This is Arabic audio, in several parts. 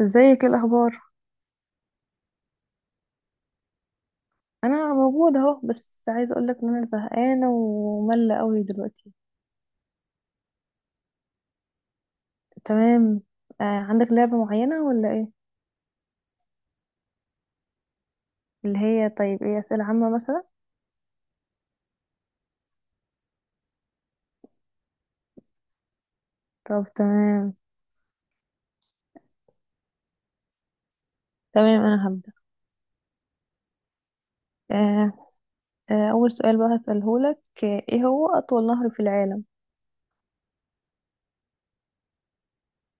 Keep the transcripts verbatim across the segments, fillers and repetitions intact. ازيك، ايه الاخبار؟ انا موجوده اهو، بس عايزه اقول لك ان انا زهقانه وملة قوي دلوقتي. تمام. آه عندك لعبه معينه ولا ايه؟ اللي هي طيب ايه اسئله عامه مثلا؟ طب تمام. تمام انا هبدا. آه. آه اول سؤال بقى هساله لك، آه، ايه هو اطول نهر في العالم؟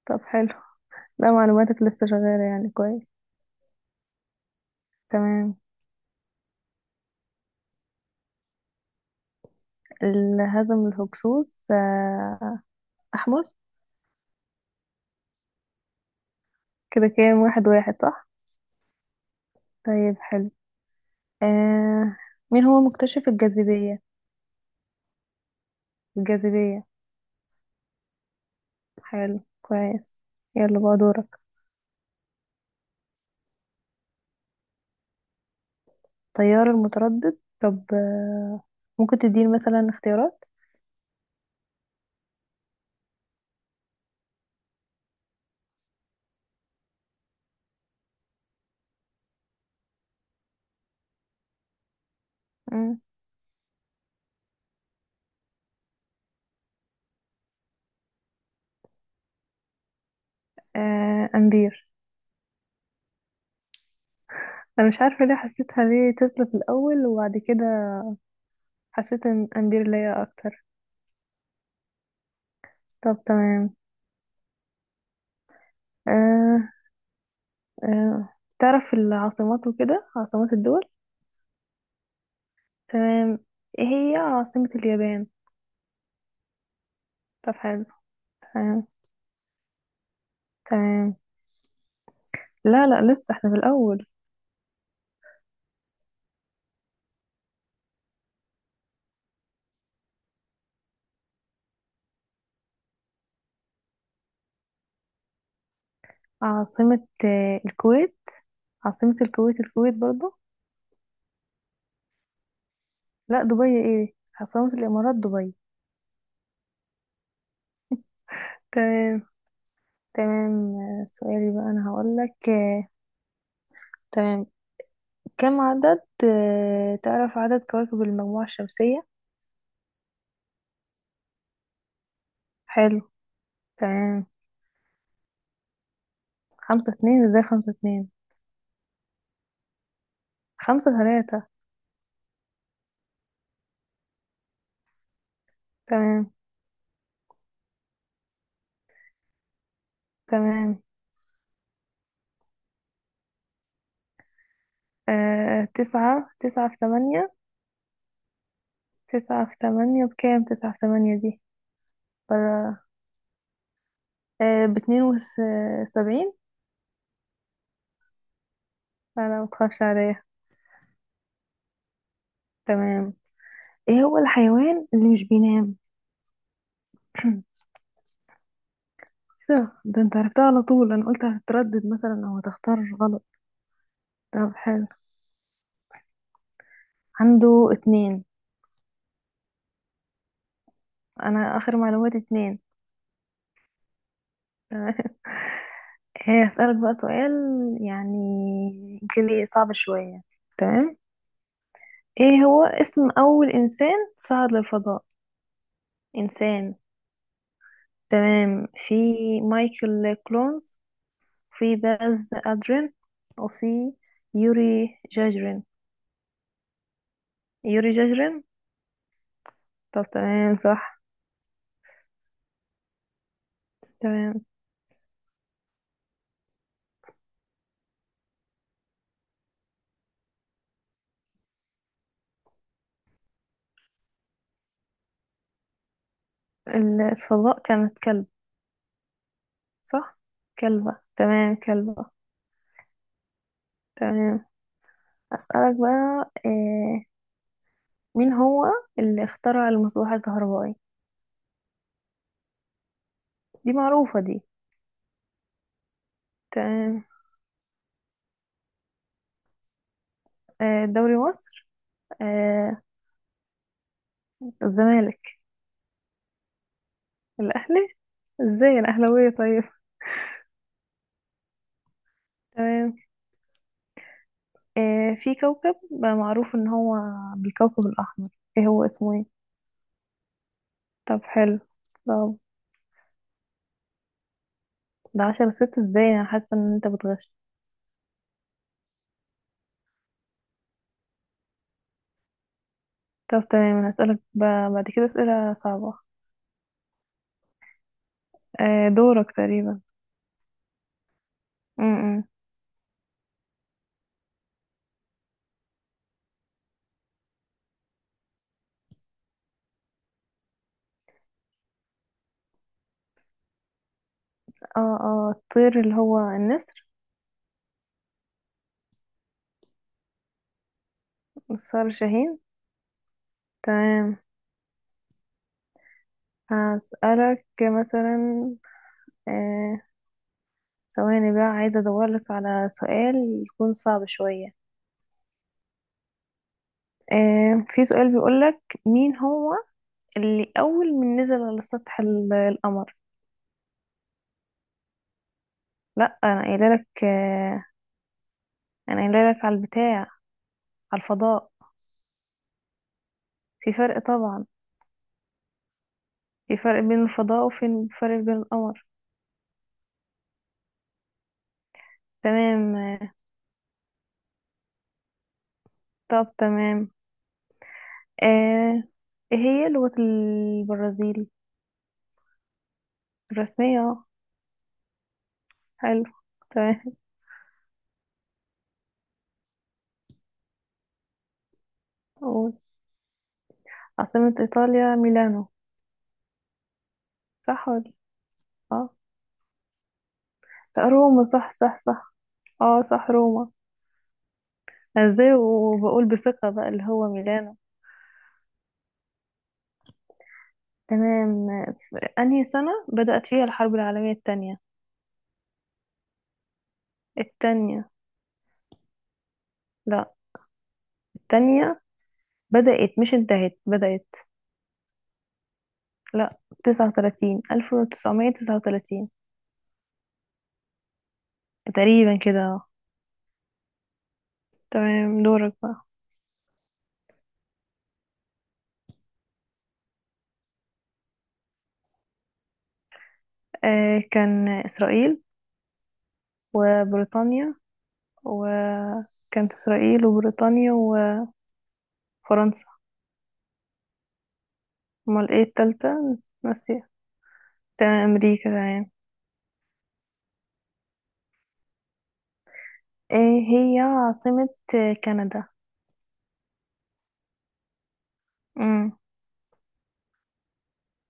طب حلو. لا، معلوماتك لسه شغاله يعني، كويس. تمام. ال- هزم الهكسوس، آه. احمس. كده كام، واحد واحد صح. طيب حلو. آه. مين هو مكتشف الجاذبيه؟ الجاذبية. حلو كويس. يلا بقى دورك. تيار المتردد طب، آه، ممكن تديني مثلا اختيارات؟ مم. آه أمبير. أنا مش عارفة ليه حسيتها، ليه تسلا في الأول وبعد كده حسيت إن أمبير ليا أكتر. طب تمام. آه. آه. تعرف العاصمات وكده، عاصمات الدول؟ تمام. إيه هي عاصمة اليابان؟ طب حلو. تمام. تمام. لا لا، لسه احنا في الأول. عاصمة آه، الكويت. عاصمة الكويت الكويت برضو. لا، دبي ايه؟ عاصمة الامارات دبي. تمام. تمام، آه، سؤالي بقى انا هقولك، آه، تمام. كم عدد، آه، تعرف عدد كواكب المجموعة الشمسية؟ حلو. تمام. خمسة اتنين ازاي؟ خمسة اتنين. خمسة تلاتة. تمام. تمام. آه تسعة تسعة في تمانية. تسعة في تمانية بكام؟ تسعة في تمانية دي. برا. آه، باتنين وسبعين. لا لا، متخافش عليا. تمام. ايه هو الحيوان اللي مش بينام؟ ده ده انت عرفتها على طول. انا قلت هتتردد مثلا او هتختار غلط. طب حلو. عنده اتنين. انا اخر معلوماتي اتنين. تمام. هي هسألك بقى سؤال يعني، يمكن ايه صعب شوية. تمام. ايه هو اسم اول انسان صعد للفضاء؟ انسان. تمام. في مايكل كلونز، في باز ادرين، وفي يوري جاجرين. يوري جاجرين. طب تمام صح. تمام. الفضاء كانت كلب. صح. كلبة، تمام كلبة. تمام. أسألك بقى، آه، مين هو اللي اخترع المصباح الكهربائي؟ دي معروفة دي. تمام. آه، دوري مصر. آه. الزمالك. الأهلي. ازاي، أنا أهلاوية طيب. تمام. آه، في كوكب بقى معروف إن هو بالكوكب الأحمر، ايه هو اسمه ايه؟ طب حلو. طب. ده عشرة ست ازاي؟ أنا حاسة إن أنت بتغش. طب تمام. أنا هسألك بقى بعد كده أسئلة صعبة. آه دورك تقريبا. م- م. اه اه، الطير اللي هو النسر. نسار شاهين. تمام. هسألك مثلا، آه، ثواني بقى عايزة أدورلك على سؤال يكون صعب شوية. آه في سؤال بيقولك مين هو اللي أول من نزل على سطح ال- القمر؟ لأ أنا قايلة لك، آه، أنا قايلة لك على البتاع، على الفضاء. في فرق طبعا. في فرق بين الفضاء وفي فرق بين القمر. تمام، آه، طب تمام. آه. ايه هي لغة البرازيل؟ الرسمية اه. حلو. تمام. قول. عاصمة ايطاليا ميلانو. صح ولا؟ اه. لا، آه، روما صح صح صح. اه صح روما. أنا ازاي وبقول بثقة بقى اللي هو ميلانو. تمام. انهي سنة بدأت فيها الحرب العالمية التانية؟ التانية. لا. التانية بدأت، مش انتهت، بدأت. لا. تسعة وتلاتين، ألف وتسعمية تسعة وتلاتين. تقريبا كده، آه. تمام دورك بقى. آه، كان إسرائيل وبريطانيا. وكانت إسرائيل وبريطانيا وفرنسا. أمال ايه التالتة؟ ناسية. تمام أمريكا تمام. ايه هي عاصمة كندا؟ امم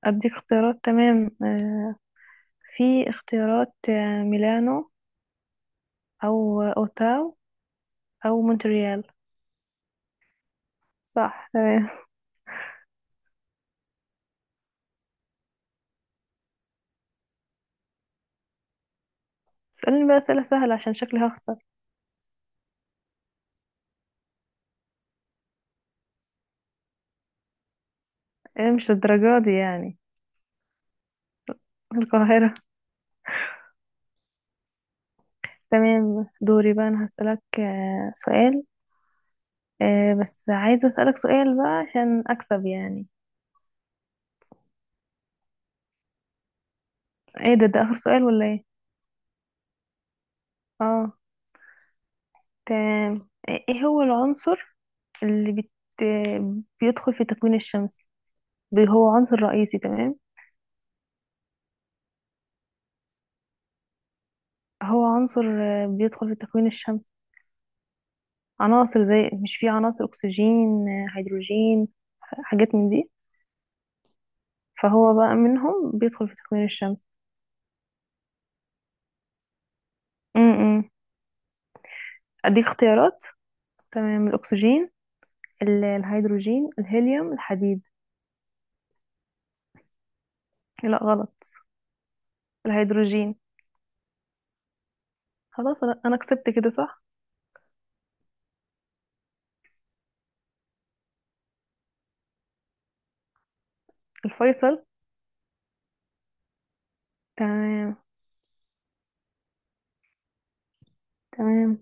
أديك اختيارات، تمام، آه، في اختيارات، آه، ميلانو، أو أوتاو، أو مونتريال. صح تمام. اسألني بقى أسئلة سهلة عشان شكلي هخسر. ايه، مش الدرجة دي يعني؟ القاهرة. تمام دوري بقى. أنا هسألك آه، سؤال. آه بس عايزة أسألك سؤال بقى عشان أكسب يعني. ايه ده؟ ده آخر سؤال ولا ايه؟ اه. تمام. ايه، إيه هو العنصر اللي بت... بيدخل في تكوين الشمس؟ بي- هو عنصر رئيسي، تمام؟ هو عنصر، آه، بيدخل في تكوين الشمس. عناصر، زي مش في عناصر، أكسجين، آه، هيدروجين، ح- حاجات من دي. فهو بقى منهم بيدخل في تكوين الشمس. م -م. أديك اختيارات، تمام، الأكسجين، ال- الهيدروجين، الهيليوم، الحديد. لا غلط. الهيدروجين. خلاص انا انا كسبت كده صح. الفيصل. تمام. تمام.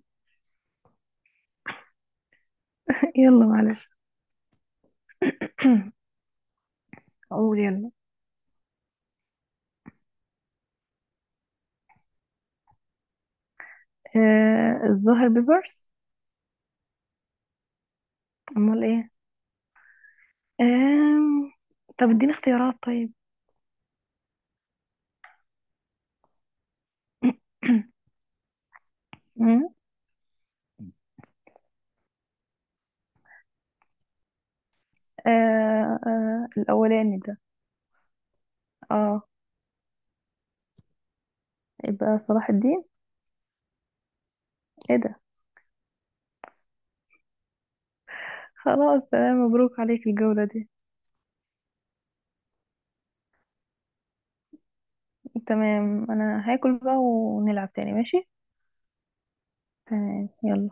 يلا معلش. اقول يلا. آه الزهر بيبرس. امال ايه؟ آم... طب اديني اختيارات طيب. مم. آه آه، الأولاني ده. اه. يبقى صلاح الدين. ايه ده؟ خلاص تمام مبروك عليك الجولة دي. تمام انا هاكل بقى ونلعب تاني ماشي. تمام يلا.